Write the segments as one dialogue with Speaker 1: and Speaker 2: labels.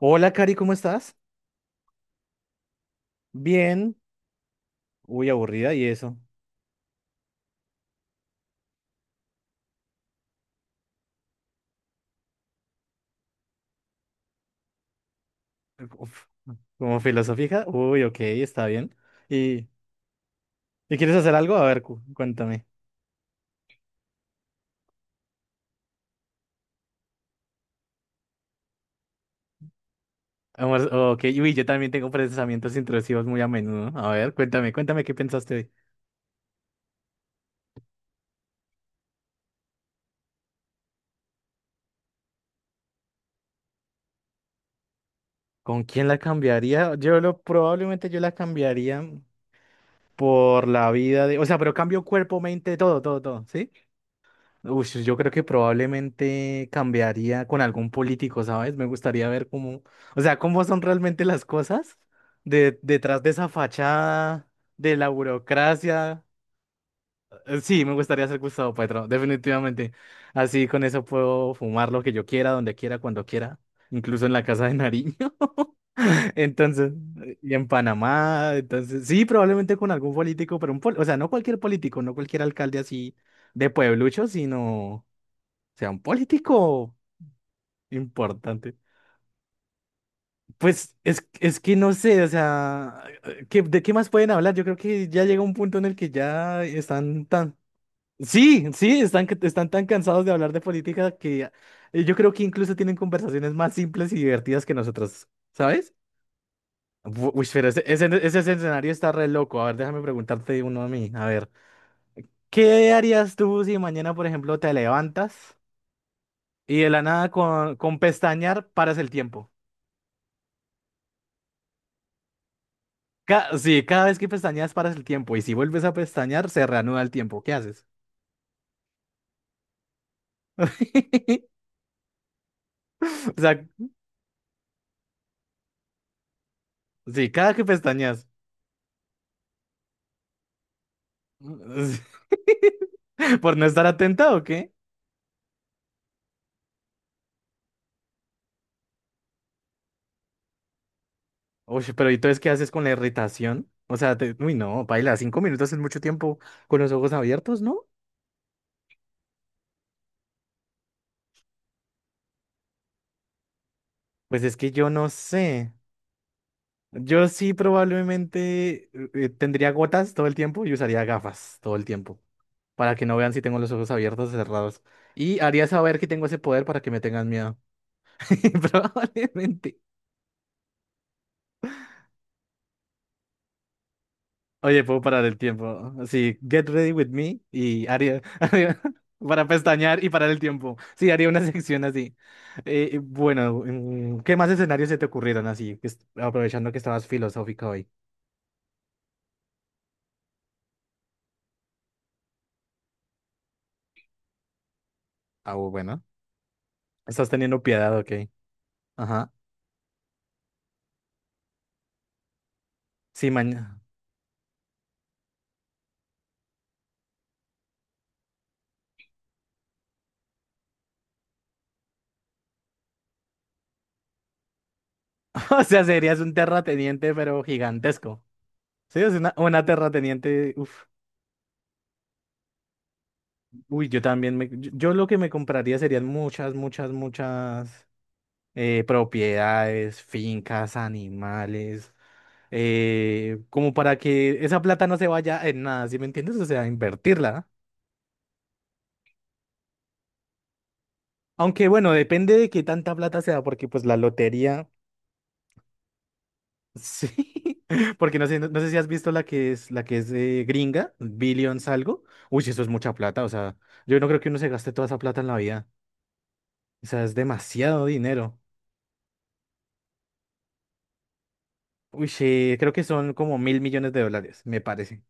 Speaker 1: Hola, Cari, ¿cómo estás? Bien. Uy, aburrida, ¿y eso? Uf, ¿como filosófica? Uy, ok, está bien. ¿Y, y quieres hacer algo? A ver, cuéntame. Vamos, ok, uy, yo también tengo pensamientos intrusivos muy a menudo. A ver, cuéntame, cuéntame qué pensaste hoy. ¿Con quién la cambiaría? Probablemente yo la cambiaría por la vida de, o sea, pero cambio cuerpo, mente, todo, todo, todo, ¿sí? Uy, sí, yo creo que probablemente cambiaría con algún político, ¿sabes? Me gustaría ver cómo, o sea, cómo son realmente las cosas detrás de esa fachada, de la burocracia. Sí, me gustaría ser Gustavo Petro, definitivamente. Así con eso puedo fumar lo que yo quiera, donde quiera, cuando quiera, incluso en la casa de Nariño. Entonces, y en Panamá, entonces, sí, probablemente con algún político, pero o sea, no cualquier político, no cualquier alcalde así de pueblucho, sino sea, un político importante. Es que no sé, o sea, ¿de qué más pueden hablar? Yo creo que ya llega un punto en el que ya están tan... Sí, sí, están tan cansados de hablar de política que yo creo que incluso tienen conversaciones más simples y divertidas que nosotros, ¿sabes? Uy, pero ese escenario está re loco. A ver, déjame preguntarte uno a mí. A ver, ¿qué harías tú si mañana, por ejemplo, te levantas y de la nada con pestañear paras el tiempo? Sí, cada vez que pestañeas paras el tiempo y si vuelves a pestañear se reanuda el tiempo. ¿Qué haces? O sea, sí, cada que pestañeas. ¿Por no estar atenta o qué? Uy, pero ¿y entonces qué haces con la irritación? O sea, uy, no, paila, 5 minutos es mucho tiempo con los ojos abiertos, ¿no? Pues es que yo no sé. Yo sí probablemente tendría gotas todo el tiempo y usaría gafas todo el tiempo para que no vean si tengo los ojos abiertos o cerrados. Y haría saber que tengo ese poder para que me tengan miedo. Probablemente. Oye, puedo parar el tiempo. Así, get ready with me y haría, para pestañear y parar el tiempo. Sí, haría una sección así. Bueno, ¿Qué más escenarios se te ocurrieron así? Aprovechando que estabas filosófica hoy. Ah, bueno. Estás teniendo piedad, ok. Ajá. Sí, mañana. O sea, serías un terrateniente, pero gigantesco. Sí, es una terrateniente. Uf. Uy, yo también me. Yo lo que me compraría serían muchas, muchas, muchas. Propiedades, fincas, animales, como para que esa plata no se vaya en nada, ¿sí me entiendes? O sea, invertirla. Aunque bueno, depende de qué tanta plata sea, porque pues la lotería, sí, porque no sé, no, no sé si has visto la que es gringa, billions algo. Uy, sí, eso es mucha plata, o sea, yo no creo que uno se gaste toda esa plata en la vida, o sea, es demasiado dinero. Uy, sí, creo que son como $1.000 millones, me parece.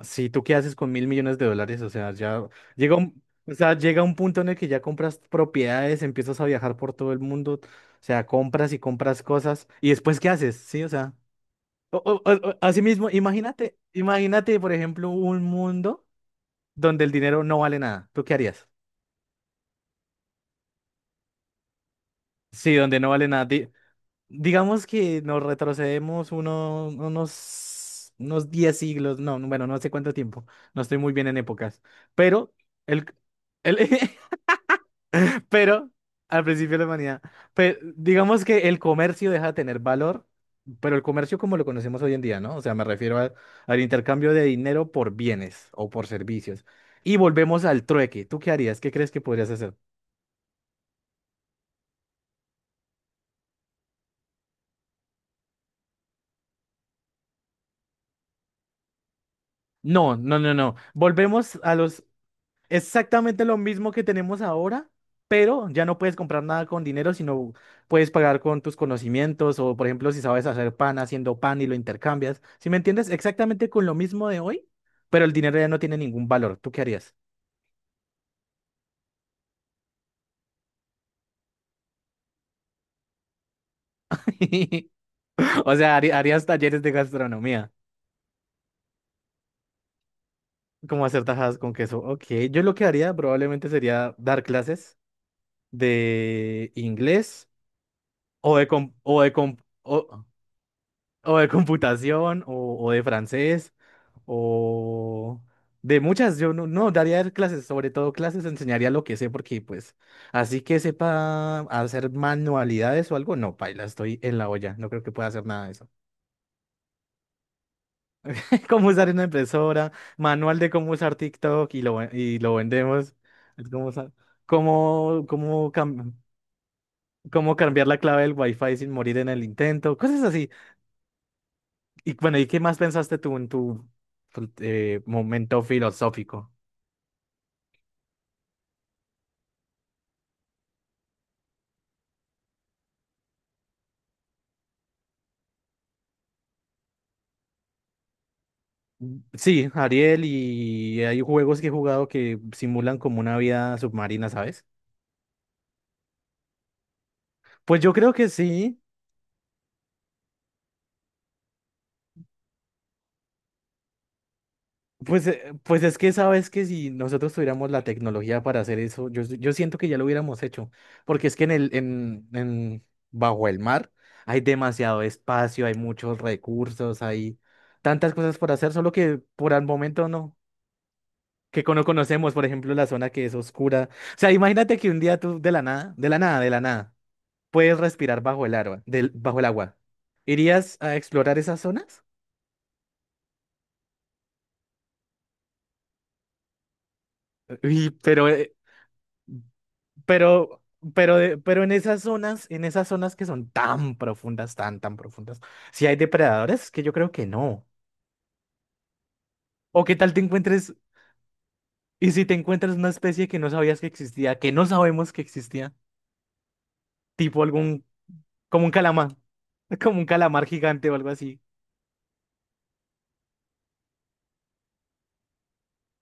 Speaker 1: Sí, ¿tú qué haces con $1.000 millones? O sea, ya llega un, o sea, llega un punto en el que ya compras propiedades, empiezas a viajar por todo el mundo, o sea, compras y compras cosas, y después ¿qué haces? Sí, o sea, así mismo, imagínate, imagínate, por ejemplo, un mundo donde el dinero no vale nada. ¿Tú qué harías? Sí, donde no vale nada. Digamos que nos retrocedemos unos, unos 10 siglos, no, bueno, no sé cuánto tiempo, no estoy muy bien en épocas, pero el... El, Pero al principio de la humanidad, digamos que el comercio deja de tener valor, pero el comercio como lo conocemos hoy en día, ¿no? O sea, al intercambio de dinero por bienes o por servicios. Y volvemos al trueque. ¿Tú qué harías? ¿Qué crees que podrías hacer? No, no, no, no. Volvemos a los Exactamente lo mismo que tenemos ahora, pero ya no puedes comprar nada con dinero, sino puedes pagar con tus conocimientos o, por ejemplo, si sabes hacer pan, haciendo pan y lo intercambias. ¿Si me entiendes? Exactamente con lo mismo de hoy, pero el dinero ya no tiene ningún valor. ¿Tú qué harías? O sea, harías talleres de gastronomía, como hacer tajadas con queso. Ok, yo lo que haría probablemente sería dar clases de inglés o de... com- o de com- o- o de computación, o de francés, o de muchas. Yo no, no daría clases, sobre todo clases, enseñaría lo que sé, porque pues así que sepa hacer manualidades o algo, no, paila, estoy en la olla, no creo que pueda hacer nada de eso. Cómo usar una impresora, manual de cómo usar TikTok y lo vendemos. Es como sa- cómo, cómo, cam- cómo cambiar la clave del Wi-Fi sin morir en el intento, cosas así. Y bueno, ¿y qué más pensaste tú en tu momento filosófico? Sí, Ariel, y hay juegos que he jugado que simulan como una vida submarina, ¿sabes? Pues yo creo que sí. Pues es que sabes que si nosotros tuviéramos la tecnología para hacer eso, yo siento que ya lo hubiéramos hecho. Porque es que en el, en, bajo el mar hay demasiado espacio, hay muchos recursos, hay tantas cosas por hacer, solo que por el momento no. Que no conocemos, por ejemplo, la zona que es oscura. O sea, imagínate que un día tú de la nada, de la nada, de la nada, puedes respirar bajo el agua, del, bajo el agua. ¿Irías a explorar esas zonas? Uy, pero, pero, de- pero en esas zonas que son tan profundas, tan, tan profundas, si hay depredadores, que yo creo que no. ¿O qué tal te encuentres, y si te encuentras una especie que no sabías que existía, que no sabemos que existía, tipo algún, como un calamar, como un calamar gigante o algo así?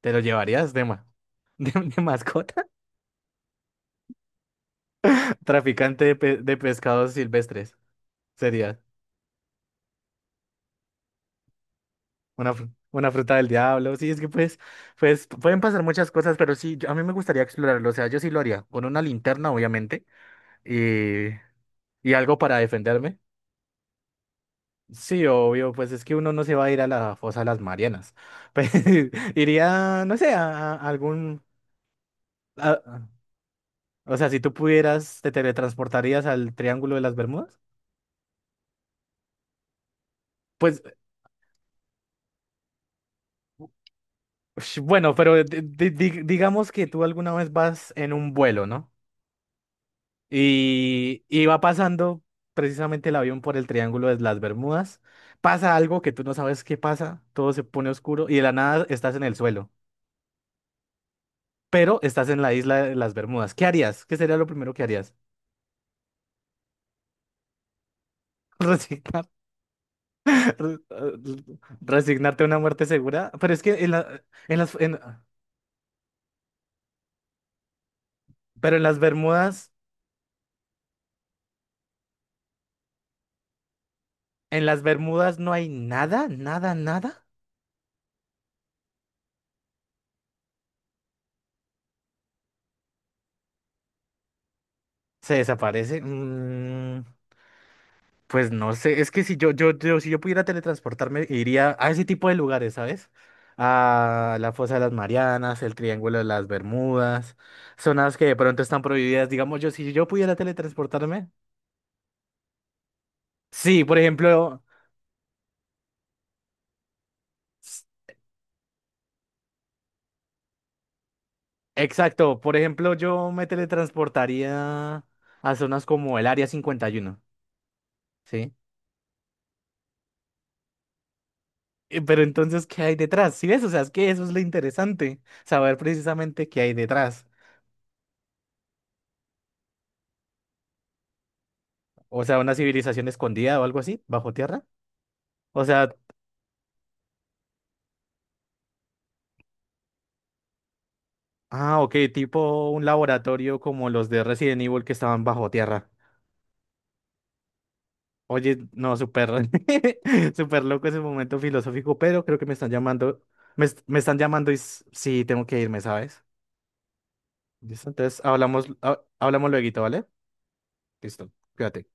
Speaker 1: ¿Te lo llevarías de, ma- ¿de, de mascota? Traficante de, de pescados silvestres. Sería una fruta del diablo. Sí, es que pues, pues pueden pasar muchas cosas, pero sí, yo- a mí me gustaría explorarlo. O sea, yo sí lo haría. Con una linterna, obviamente. Y, y algo para defenderme. Sí, obvio, pues es que uno no se va a ir a la fosa de las Marianas. Pues, iría, no sé, a algún... a- o sea, si tú pudieras, ¿te teletransportarías al Triángulo de las Bermudas? Pues Ush, bueno, pero digamos que tú alguna vez vas en un vuelo, ¿no? Y va pasando precisamente el avión por el Triángulo de las Bermudas. Pasa algo que tú no sabes qué pasa, todo se pone oscuro y de la nada estás en el suelo, pero estás en la isla de las Bermudas. ¿Qué harías? ¿Qué sería lo primero que harías? Resignar, resignarte a una muerte segura. Pero es que en la- en las, en- pero en las Bermudas no hay nada, nada, nada. ¿Se desaparece? Mm, pues no sé, es que si yo, yo, yo, si yo pudiera teletransportarme, iría a ese tipo de lugares, ¿sabes? A la Fosa de las Marianas, el Triángulo de las Bermudas, zonas que de pronto están prohibidas. Digamos, yo, si yo pudiera teletransportarme, sí, por ejemplo, s- exacto, por ejemplo, yo me teletransportaría a zonas como el Área 51, ¿sí? Pero entonces, ¿qué hay detrás? ¿Sí ves? O sea, es que eso es lo interesante, saber precisamente qué hay detrás. O sea, una civilización escondida o algo así, bajo tierra. O sea, ah, ok, tipo un laboratorio como los de Resident Evil que estaban bajo tierra. Oye, no, súper, súper loco ese momento filosófico, pero creo que me están llamando, me están llamando y sí, tengo que irme, ¿sabes? Listo, entonces hablamos, hablamos lueguito, ¿vale? Listo, cuídate.